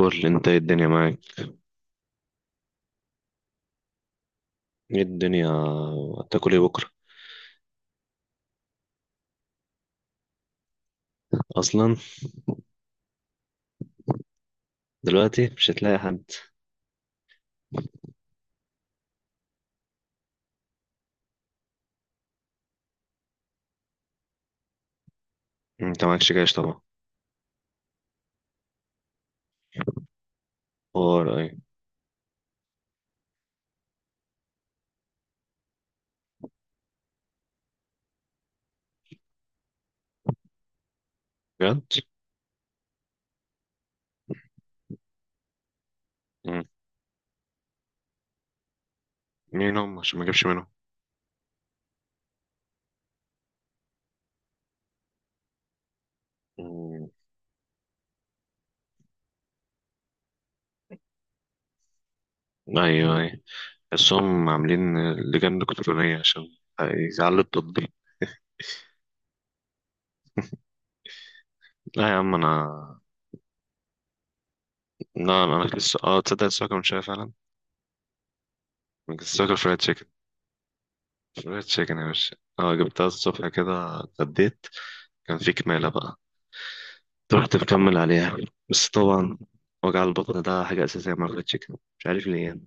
قول انت، ايه الدنيا معاك؟ ايه الدنيا؟ هتاكل ايه بكره؟ اصلا، دلوقتي مش هتلاقي حد. انت معكش جيش طبعا. حوار ايه؟ بجد؟ مم. مين هم عشان ما اجيبش منهم؟ مم. ايوه، ايوه، بس هم عاملين لجان الكترونيه عشان يزعلوا التطبيق. لا يا عم انا. لا انا لسه، تصدق لسه واكل من شويه فعلا. انا كنت لسه واكل فرايد تشيكن. فرايد تشيكن يا باشا، جبتها الصبح كده اتغديت. كان في كماله بقى، رحت مكمل عليها، بس طبعا وجع البطن ده حاجة أساسية مع الفرايد تشيكن، مش عارف ليه يعني.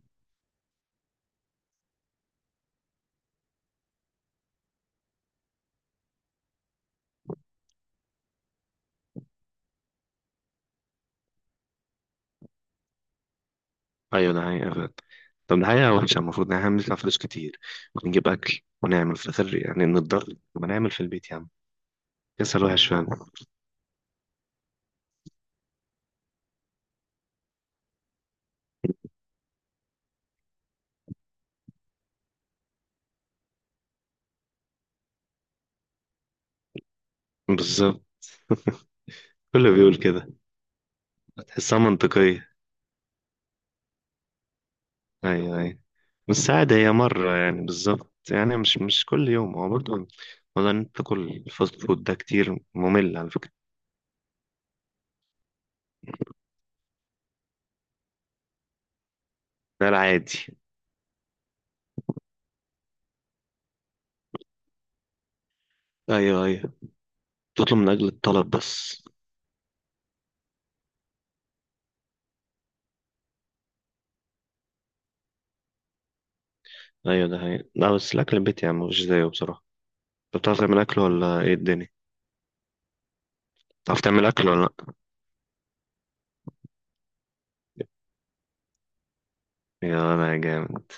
أيوة ده حقيقة فعلا. طب ده حقيقة وحشة، المفروض إن إحنا بندفع فلوس كتير ونجيب أكل ونعمل في الآخر يعني نتضرر، طب نعمل في البيت يا عم. كسل وحش فعلا. بالظبط. كله بيقول كده، تحسها منطقية. أيوة، أيوة، بس عادي هي مرة يعني، بالظبط يعني مش كل يوم هو برضه. والله إن أنت تاكل الفاست فود ده كتير ممل على فكرة. ده العادي. أيوة، أيوة، تطلب من أجل الطلب بس. ايوه ده حقيقي، لا بس الاكل البيتي يعني مفيش زيه بصراحه. انت بتعرف تعمل اكل ولا ايه الدنيا؟ بتعرف تعمل اكل ولا لا؟ يا انا يا جامد.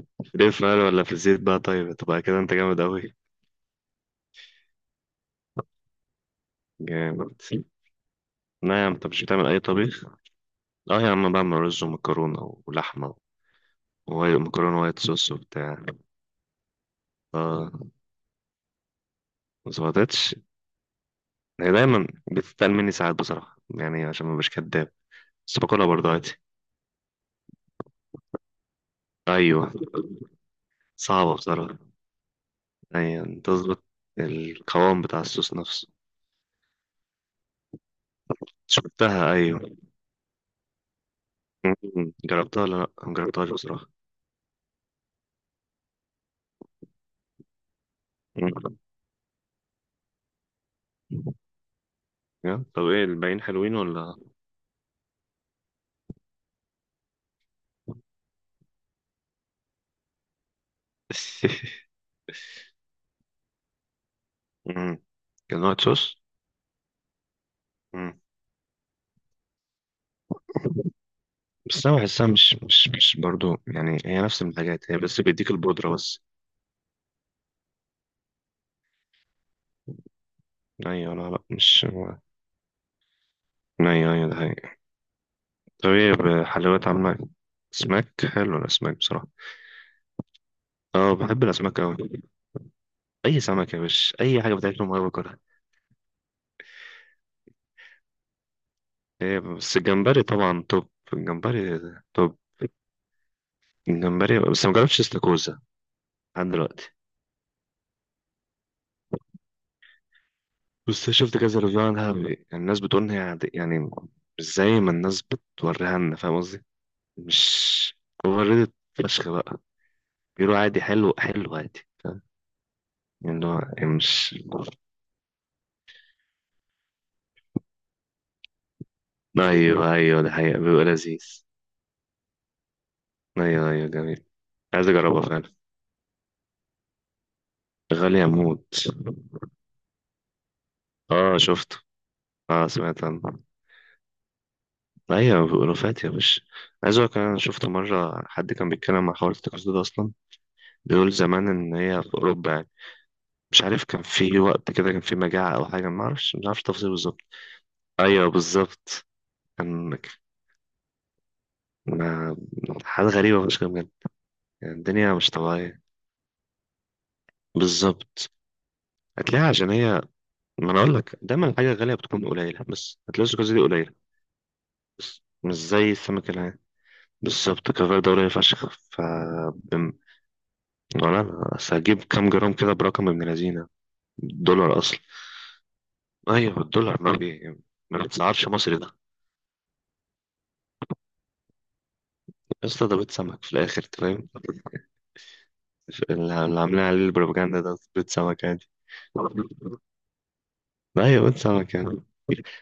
ليه، في مقلي ولا في الزيت بقى؟ طيب تبقى كده انت جامد قوي. جامد. لا يا عم انت مش بتعمل اي طبيخ. اه يا عم، بعمل رز ومكرونه ولحمه، ووايت مكرونه وايت صوص وبتاع. اه، ما ظبطتش. هي دايما بتتقل مني ساعات بصراحه يعني، عشان ما بش كداب. بس باكلها برضه عادي. ايوه، صعبه بصراحه. ايوه، تظبط القوام بتاع الصوص نفسه. شفتها، ايوه. مم. جربتها ولا لا، ما جربتهاش بصراحه. مم. يا طب ايه الباقيين حلوين ولا؟ مم. كان وايت صوص. مم. بس انا بحسها مش برضو، يعني هي نفس الحاجات هي، بس بيديك البودرة بس. ايوه، لا لا، مش. ايوه، ايوه ده حقيقي. طب ايه، بحلويات عاملة إيه؟ اسماك، حلو الاسماك بصراحة. اه بحب الاسماك اوي. اي سمك يا باشا، اي حاجة بتاكل ما باكلها. هي بس الجمبري طبعا، توب الجمبري. توب الجمبري، بس ما جربتش استاكوزا لحد دلوقتي. بس شفت كذا ريفيو عنها يعني، الناس بتقول ان هي عادي- يعني، مش زي ما الناس بتوريها لنا، فاهم قصدي. مش اوفر. فشخ بقى. بيقولوا عادي، حلو، حلو عادي، فاهم؟ يعني اللي هو يعني مش. ايوه، ايوه، ده حقيقة بيبقى لذيذ. ايوه، ايوه جميل. عايز اجربها فعلا. غالية موت. اه شفته. اه، سمعت عنه. ايوه بيقولوا فات يا باشا. عايز اقول لك، انا شفت مرة حد كان بيتكلم مع حوار التكسر ده اصلا. بيقول زمان ان هي في اوروبا يعني. مش عارف، كان في وقت كده كان في مجاعة أو حاجة، ما أعرفش تفاصيل بالظبط. أيوه بالظبط. كان، ما حاجة غريبة مش كده بجد؟ يعني الدنيا مش طبيعية. بالظبط، هتلاقيها عشان هي، ما أنا أقول لك دايما الحاجة الغالية بتكون قليلة، بس هتلاقي الزجاجة دي قليلة، بس مش زي السمك العادي. بالظبط، كفر ده قليل فشخ ف، بم- ولا أنا أصل هجيب كام جرام كده برقم ابن لذينة. دولار أصلا. أيوه الدولار، ما بيتسعرش مصري ده. يا اسطى، ده بيت سمك في الآخر. اللي عاملين عليه البروباجندا ده بيض سمكة دي. أيوة، بيض سمكة يعني،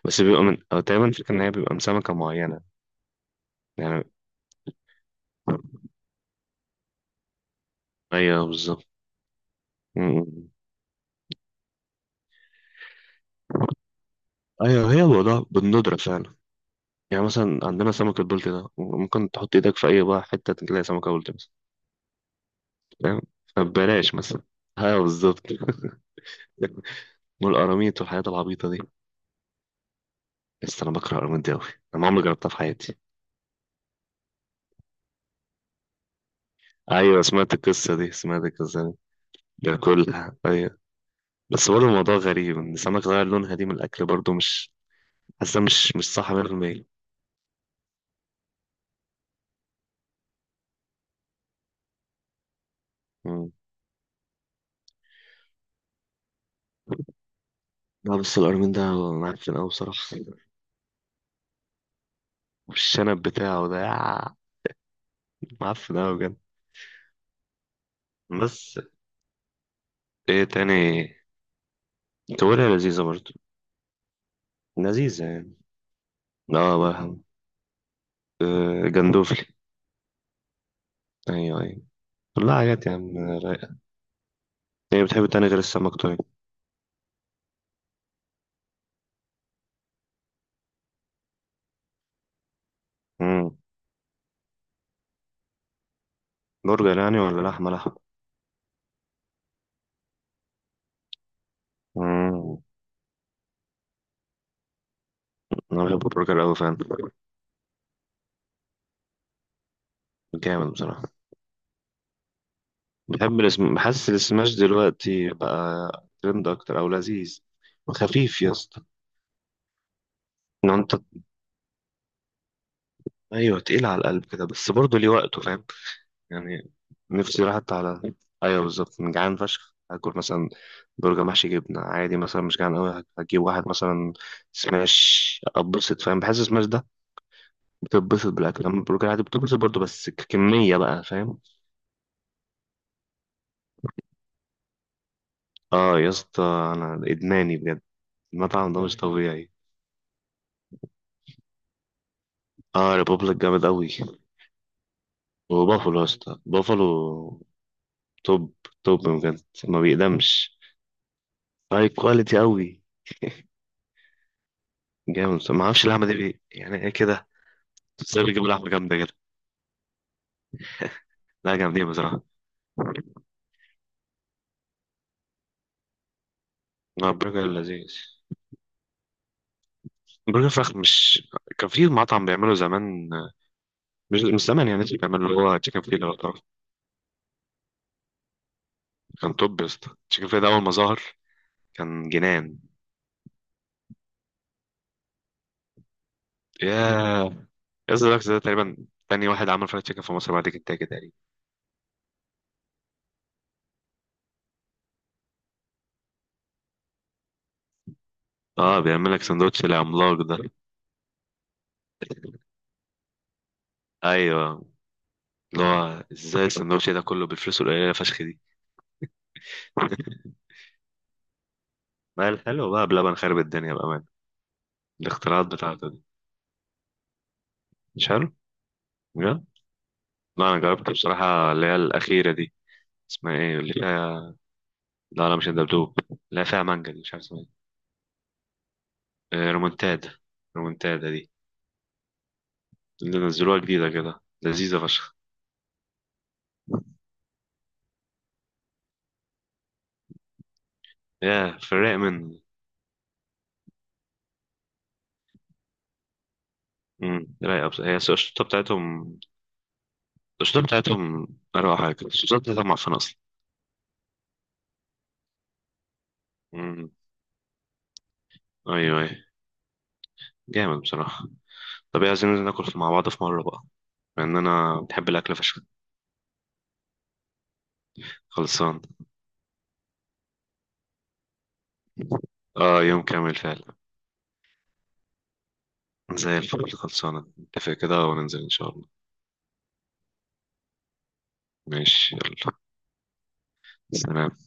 بس بيبقى من، أو تقريبا الفكرة إن هي بيبقى من سمكة معينة، يعني. أيوة بالظبط. م- م. أيوة هي الموضوع بالندرة فعلا. يعني مثلا عندنا سمكة بلطي ده، ممكن تحط إيدك في أي بقى حتة تلاقي سمكة بلطي مثلا. فاهم، فبلاش مثلا. أيوة بالظبط. والقراميط والحاجات العبيطة دي، بس أنا بكره القراميط دي أوي. أنا ما عمري جربتها في حياتي. أيوة سمعت القصة دي، سمعت القصة دي. باكلها، أيوة. بس برضه الموضوع غريب ان السمك غير لونها دي من الاكل، برضه مش، حاسه مش صح 100%. مم. لا بس القرمين ده معفن قوي بصراحه. والشنب بتاعه ده يا، معفن قوي بجد. بس ايه تاني؟ كوريا لذيذه برضه. لذيذه يعني. اه بقى، آه، جندوفلي. ايوه، ايوه. كلها حاجات يا عم رايقه. ايه بتحب تاني غير السمك طيب؟ مم. برجر يعني ولا لحمه لحمه؟ مم. انا بحب البرجر قوي فعلا. جامد بصراحه. بحب الاسم، حاسس السماش دلوقتي بقى ترند اكتر، او لذيذ. وخفيف يا اسطى، ان انت. ايوه تقيل على القلب كده، بس برضه ليه وقته، فاهم يعني. نفسي راحت على، ايوه بالظبط، من جعان فشخ هاكل مثلا برجر محشي جبنه عادي، مثلا مش جعان قوي هجيب واحد مثلا سماش، اتبسط، فاهم. بحس سماش ده بتتبسط بالاكل، اما البرجر عادي بتتبسط برضه بس كميه بقى، فاهم. اه يا اسطى، انا ادماني بجد، المطعم ده مش طبيعي. اه، ريبوبليك جامد قوي. وبافلو يا اسطى، بافلو توب. توب بجد. ما بيقدمش، هاي كواليتي قوي. جامد، ما اعرفش اللحمه دي يعني ايه كده؟ ازاي بيجيبوا لحمه جامده كده؟ لا جامدين بصراحه. لا برجر لذيذ، برجر فراخ مش. كان في مطعم بيعمله زمان، مش زمان يعني، لسه بيعمله، اللي هو تشيكن فيلا لو تعرف. كان توب يا اسطى، تشيكن فيلا ده اول ما ظهر كان جنان. ياه، يا اسطى ده تقريبا تاني واحد عمل فرايد تشيكن في مصر بعد كنتاكي تقريبا. اه بيعمل لك سندوتش العملاق ده. ايوه، اللي هو ازاي السندوتش ده كله بالفلوس القليله فشخ دي. ما هي الحلو بقى بلبن خارب الدنيا بأمان. الاختراعات بتاعته دي مش حلو بجد. لا أنا جربت بصراحة اللي هي الأخيرة دي. اسمها إيه اللي فيها؟ لا لا مش الدبدوب. لا فيها مانجا دي، مش عارف اسمها. إيه آه، رومونتادا، رومونتادا دي، اللي نزلوها جديدة كده لذيذة فشخ. يا في الرايق من، رايقة، بس هي الشطة بتاعتهم، الشطة بتاعتهم أروع حاجة، الشطة بتاعتهم معفنة أصلا. امم. أيوه، أيوه. جامد بصراحة. طب ايه عايزين ناكل مع بعض في مرة بقى، لأن أنا بحب الأكل فشخ. خلصان. اه، يوم كامل فعلا. زي الفل، خلصانة، نتفق كده وننزل إن شاء الله. ماشي يلا. سلام.